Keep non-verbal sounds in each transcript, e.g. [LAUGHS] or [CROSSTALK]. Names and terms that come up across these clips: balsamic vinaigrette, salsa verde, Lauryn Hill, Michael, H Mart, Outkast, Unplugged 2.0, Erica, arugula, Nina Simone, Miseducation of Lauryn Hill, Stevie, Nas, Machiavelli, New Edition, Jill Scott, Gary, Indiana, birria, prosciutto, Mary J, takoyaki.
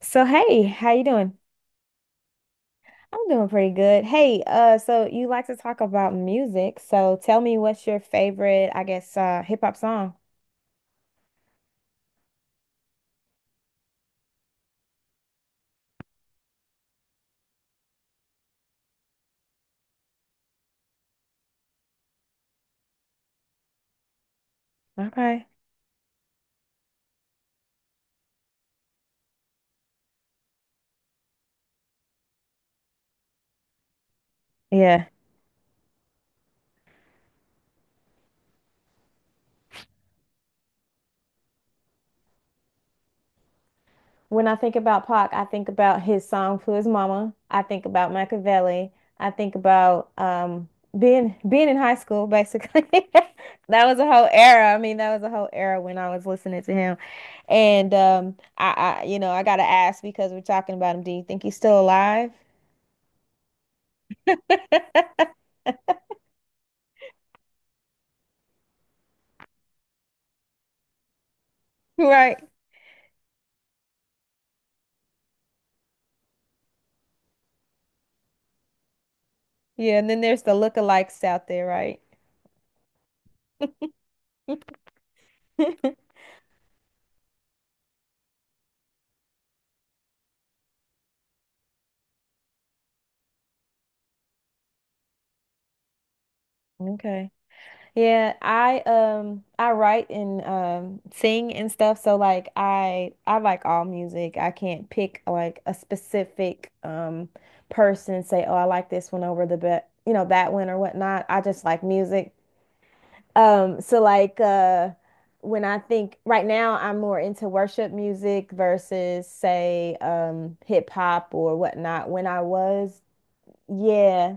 So hey, how you doing? I'm doing pretty good. Hey, so you like to talk about music. So tell me what's your favorite, hip hop song? Okay. Yeah. When I think about Pac, I think about his song to his mama. I think about Machiavelli. I think about being in high school, basically. [LAUGHS] That was a whole era. I mean, that was a whole era when I was listening to him. And I gotta ask because we're talking about him. Do you think he's still alive? [LAUGHS] Right. Yeah, and then there's the lookalikes out there, right? [LAUGHS] Okay. Yeah, I write and sing and stuff, so like I like all music. I can't pick like a specific person and say, "Oh, I like this one over the bet, you know, that one or whatnot." I just like music. Um so like uh when I think right now I'm more into worship music versus say hip hop or whatnot. When I was. Yeah.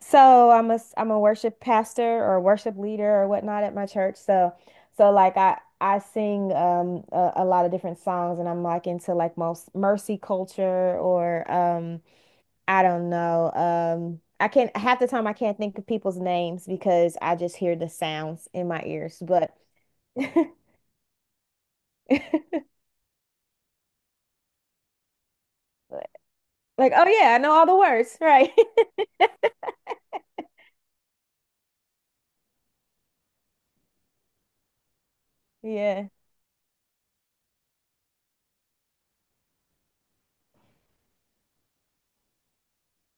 So I'm a worship pastor or worship leader or whatnot at my church. So so like I sing a lot of different songs and I'm like into like most mercy culture or I don't know. I can't Half the time I can't think of people's names because I just hear the sounds in my ears. But [LAUGHS] like oh yeah, I know all the words, right. [LAUGHS] Yeah.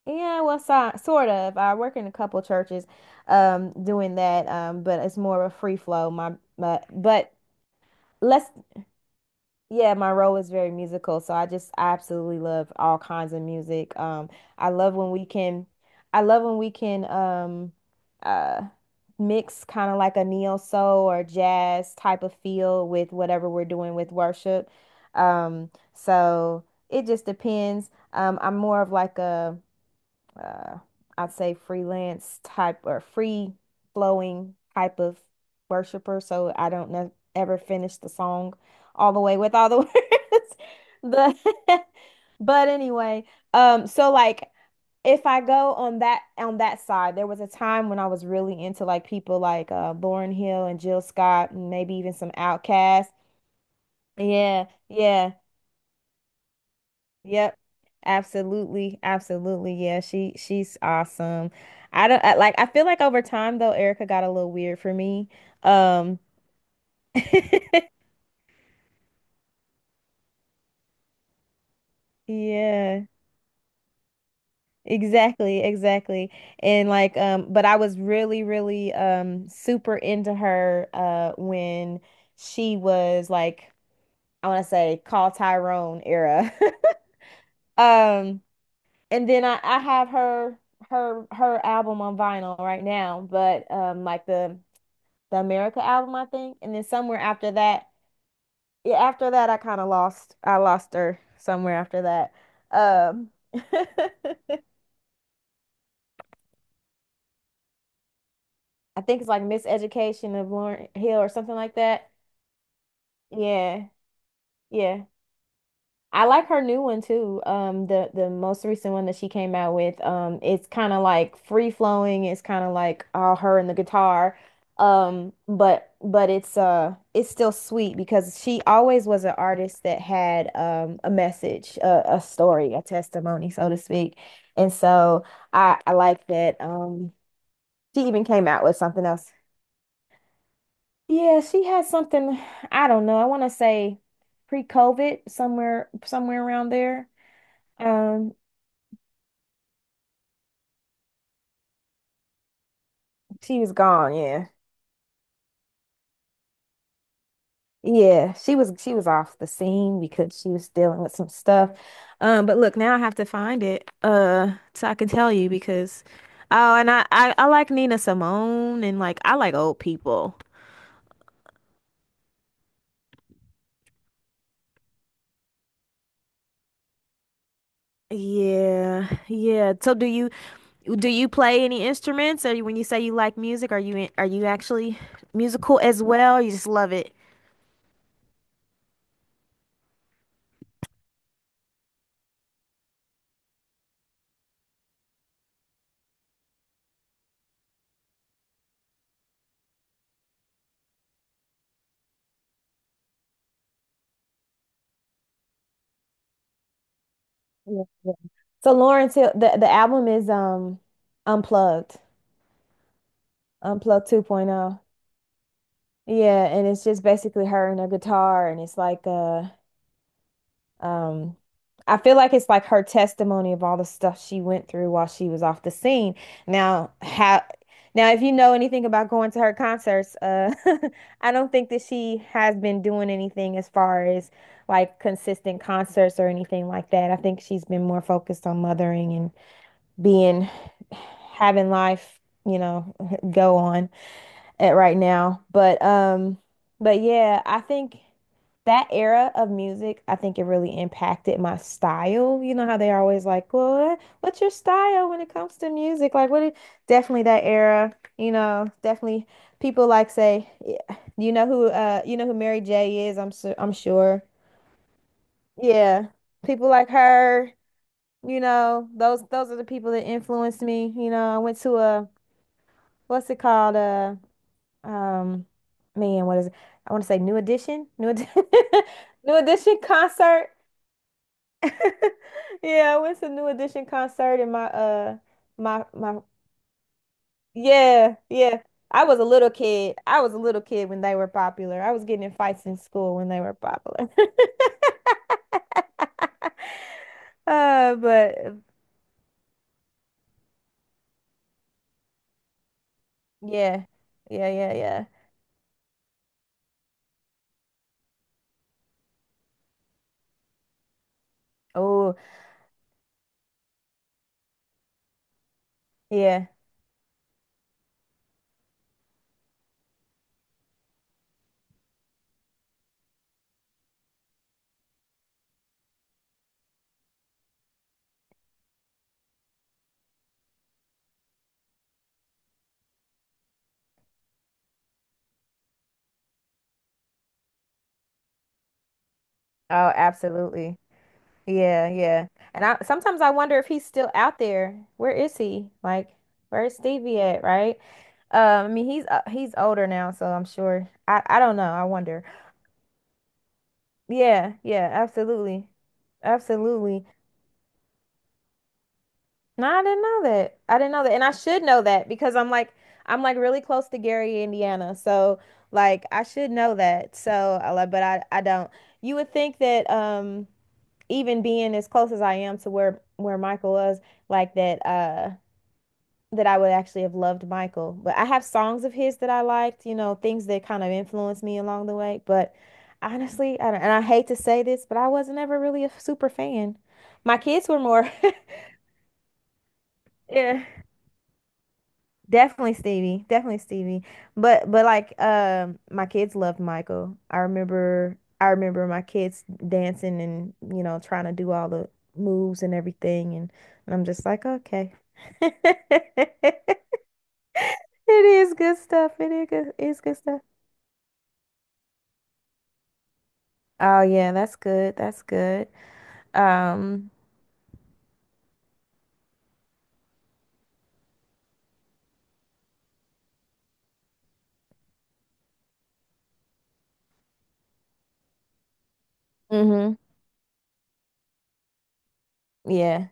Yeah, well, so, sort of. I work in a couple churches, doing that. But it's more of a free flow. Let's, yeah, my role is very musical. So I absolutely love all kinds of music. I love when we can, I love when we can, uh, mix kind of like a neo soul or jazz type of feel with whatever we're doing with worship. So it just depends. I'm more of like a uh, I'd say freelance type or free flowing type of worshiper. So I don't ne ever finish the song all the way with all the [LAUGHS] words. But [LAUGHS] but anyway, so like if I go on that side, there was a time when I was really into like people like Lauryn Hill and Jill Scott and maybe even some Outkast. Yeah, yeah. Yep. Absolutely. Absolutely. Yeah, she's awesome. I don't I, like I feel like over time though, Erica got a little weird for me. Um. [LAUGHS] Yeah. Exactly, exactly. And like but I was really, really super into her when she was like, I want to say, call Tyrone era. [LAUGHS] Um, and then I have her album on vinyl right now, but like the America album, I think. And then somewhere after that, yeah, after that I kind of lost her somewhere after that. Um. [LAUGHS] I think it's like Miseducation of Lauryn Hill or something like that. Yeah. Yeah. I like her new one too. The most recent one that she came out with, it's kind of like free flowing. It's kind of like all her and the guitar, but it's still sweet because she always was an artist that had a message, a story, a testimony, so to speak. And so I like that. She even came out with something else. Yeah, she has something. I don't know. I want to say pre-COVID, somewhere around there. Um, She was gone, yeah. Yeah, she was off the scene because she was dealing with some stuff. But look, now I have to find it so I can tell you because oh, and I like Nina Simone and like I like old people. Yeah. Yeah. So do you, do you play any instruments? Or when you say you like music, are you actually musical as well? Or you just love it? Yeah, yeah. So Lawrence Hill, the album is Unplugged, Unplugged 2.0. Yeah, and it's just basically her and her guitar, and it's like um I feel like it's like her testimony of all the stuff she went through while she was off the scene. Now, how Now if you know anything about going to her concerts, [LAUGHS] I don't think that she has been doing anything as far as like consistent concerts or anything like that. I think she's been more focused on mothering and being, having life, you know, [LAUGHS] go on at right now. But yeah, I think that era of music, I think it really impacted my style. You know how they're always like, "Well, what- what's your style when it comes to music?" Like what is definitely that era, you know, definitely people like, say, yeah, you know who Mary J is, I'm sure. Yeah. People like her, you know, those are the people that influenced me. You know, I went to a, what's it called? Um, man, what is it? I want to say New Edition, [LAUGHS] New Edition concert. [LAUGHS] Yeah, I went to New Edition concert in my. Yeah, yeah. I was a little kid. I was a little kid when they were popular. I was getting in fights in school when they were popular. [LAUGHS] But yeah. Yeah, yeah, yeah. Oh, yeah. Oh, absolutely. Yeah, yeah. And I sometimes I wonder if he's still out there. Where is he? Like, where's Stevie at, right? Um, I mean, he's older now, so I'm sure. I don't know. I wonder. Yeah, yeah, absolutely. Absolutely. No, I didn't know that. I didn't know that. And I should know that because I'm like really close to Gary, Indiana. So, like I should know that. I like, but I don't. You would think that even being as close as I am to where Michael was, like that I would actually have loved Michael, but I have songs of his that I liked, you know, things that kind of influenced me along the way. But honestly, I don't, and I hate to say this, but I wasn't ever really a super fan. My kids were more, [LAUGHS] yeah, definitely Stevie, definitely Stevie. But like, my kids loved Michael. I remember my kids dancing and you know trying to do all the moves and everything, and I'm just like, okay. [LAUGHS] It is good stuff. It is good stuff. Oh yeah, that's good. That's good. Um, mhm. Yeah.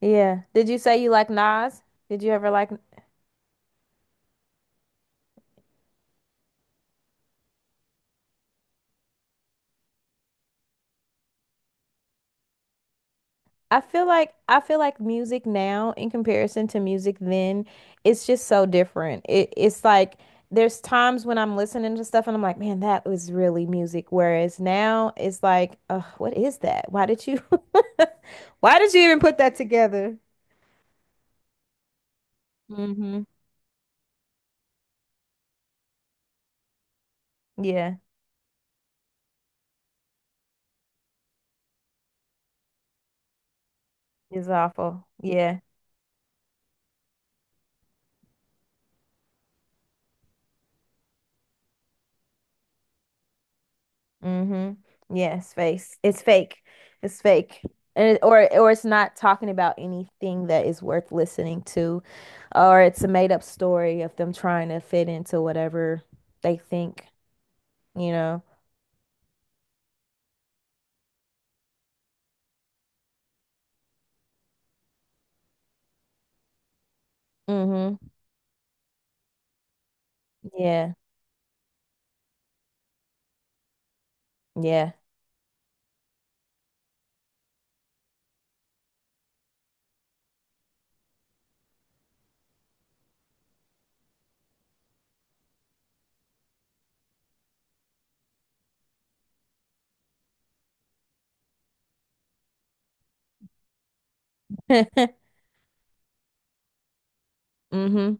Yeah. Did you say you like Nas? Did you ever like, I feel like music now in comparison to music then, it's just so different. It it's like there's times when I'm listening to stuff and I'm like, man, that was really music. Whereas now it's like, what is that? Why did you [LAUGHS] why did you even put that together? Mm-hmm. Yeah. It's awful. Yeah. Mm-hmm. Yes, face. It's fake. It's fake. And it, or it's not talking about anything that is worth listening to, or it's a made up story of them trying to fit into whatever they think, you know. Mm-hmm. Yeah. Yeah. [LAUGHS] Mm-hmm.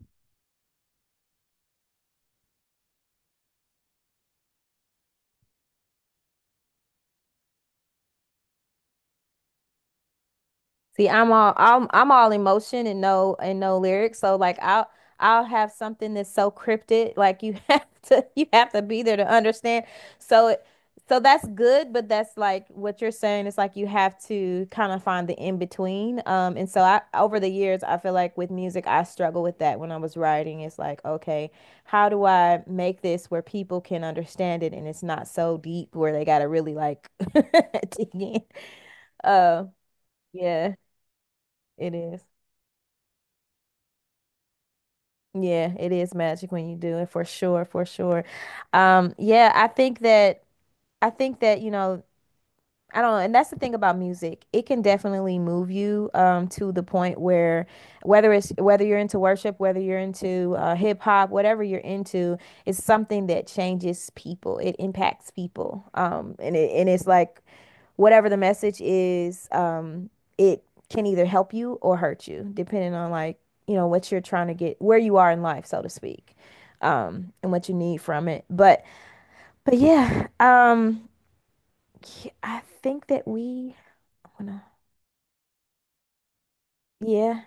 See, I'm all emotion and no, and no lyrics. So like I'll have something that's so cryptic, like you [LAUGHS] have to, you have to be there to understand. So it so that's good, but that's like what you're saying is like you have to kind of find the in between. And so I, over the years, I feel like with music I struggle with that when I was writing. It's like, okay, how do I make this where people can understand it and it's not so deep where they gotta really like [LAUGHS] dig in. Uh, yeah. It is. Yeah, it is magic when you do it, for sure, for sure. Yeah, I think that, you know, I don't know, and that's the thing about music. It can definitely move you to the point where whether it's, whether you're into worship, whether you're into hip hop, whatever you're into, it's something that changes people. It impacts people. Um, and it and it's like whatever the message is, it can either help you or hurt you, depending on like, you know, what you're trying to get, where you are in life, so to speak, and what you need from it. But yeah, I think that we I wanna, yeah,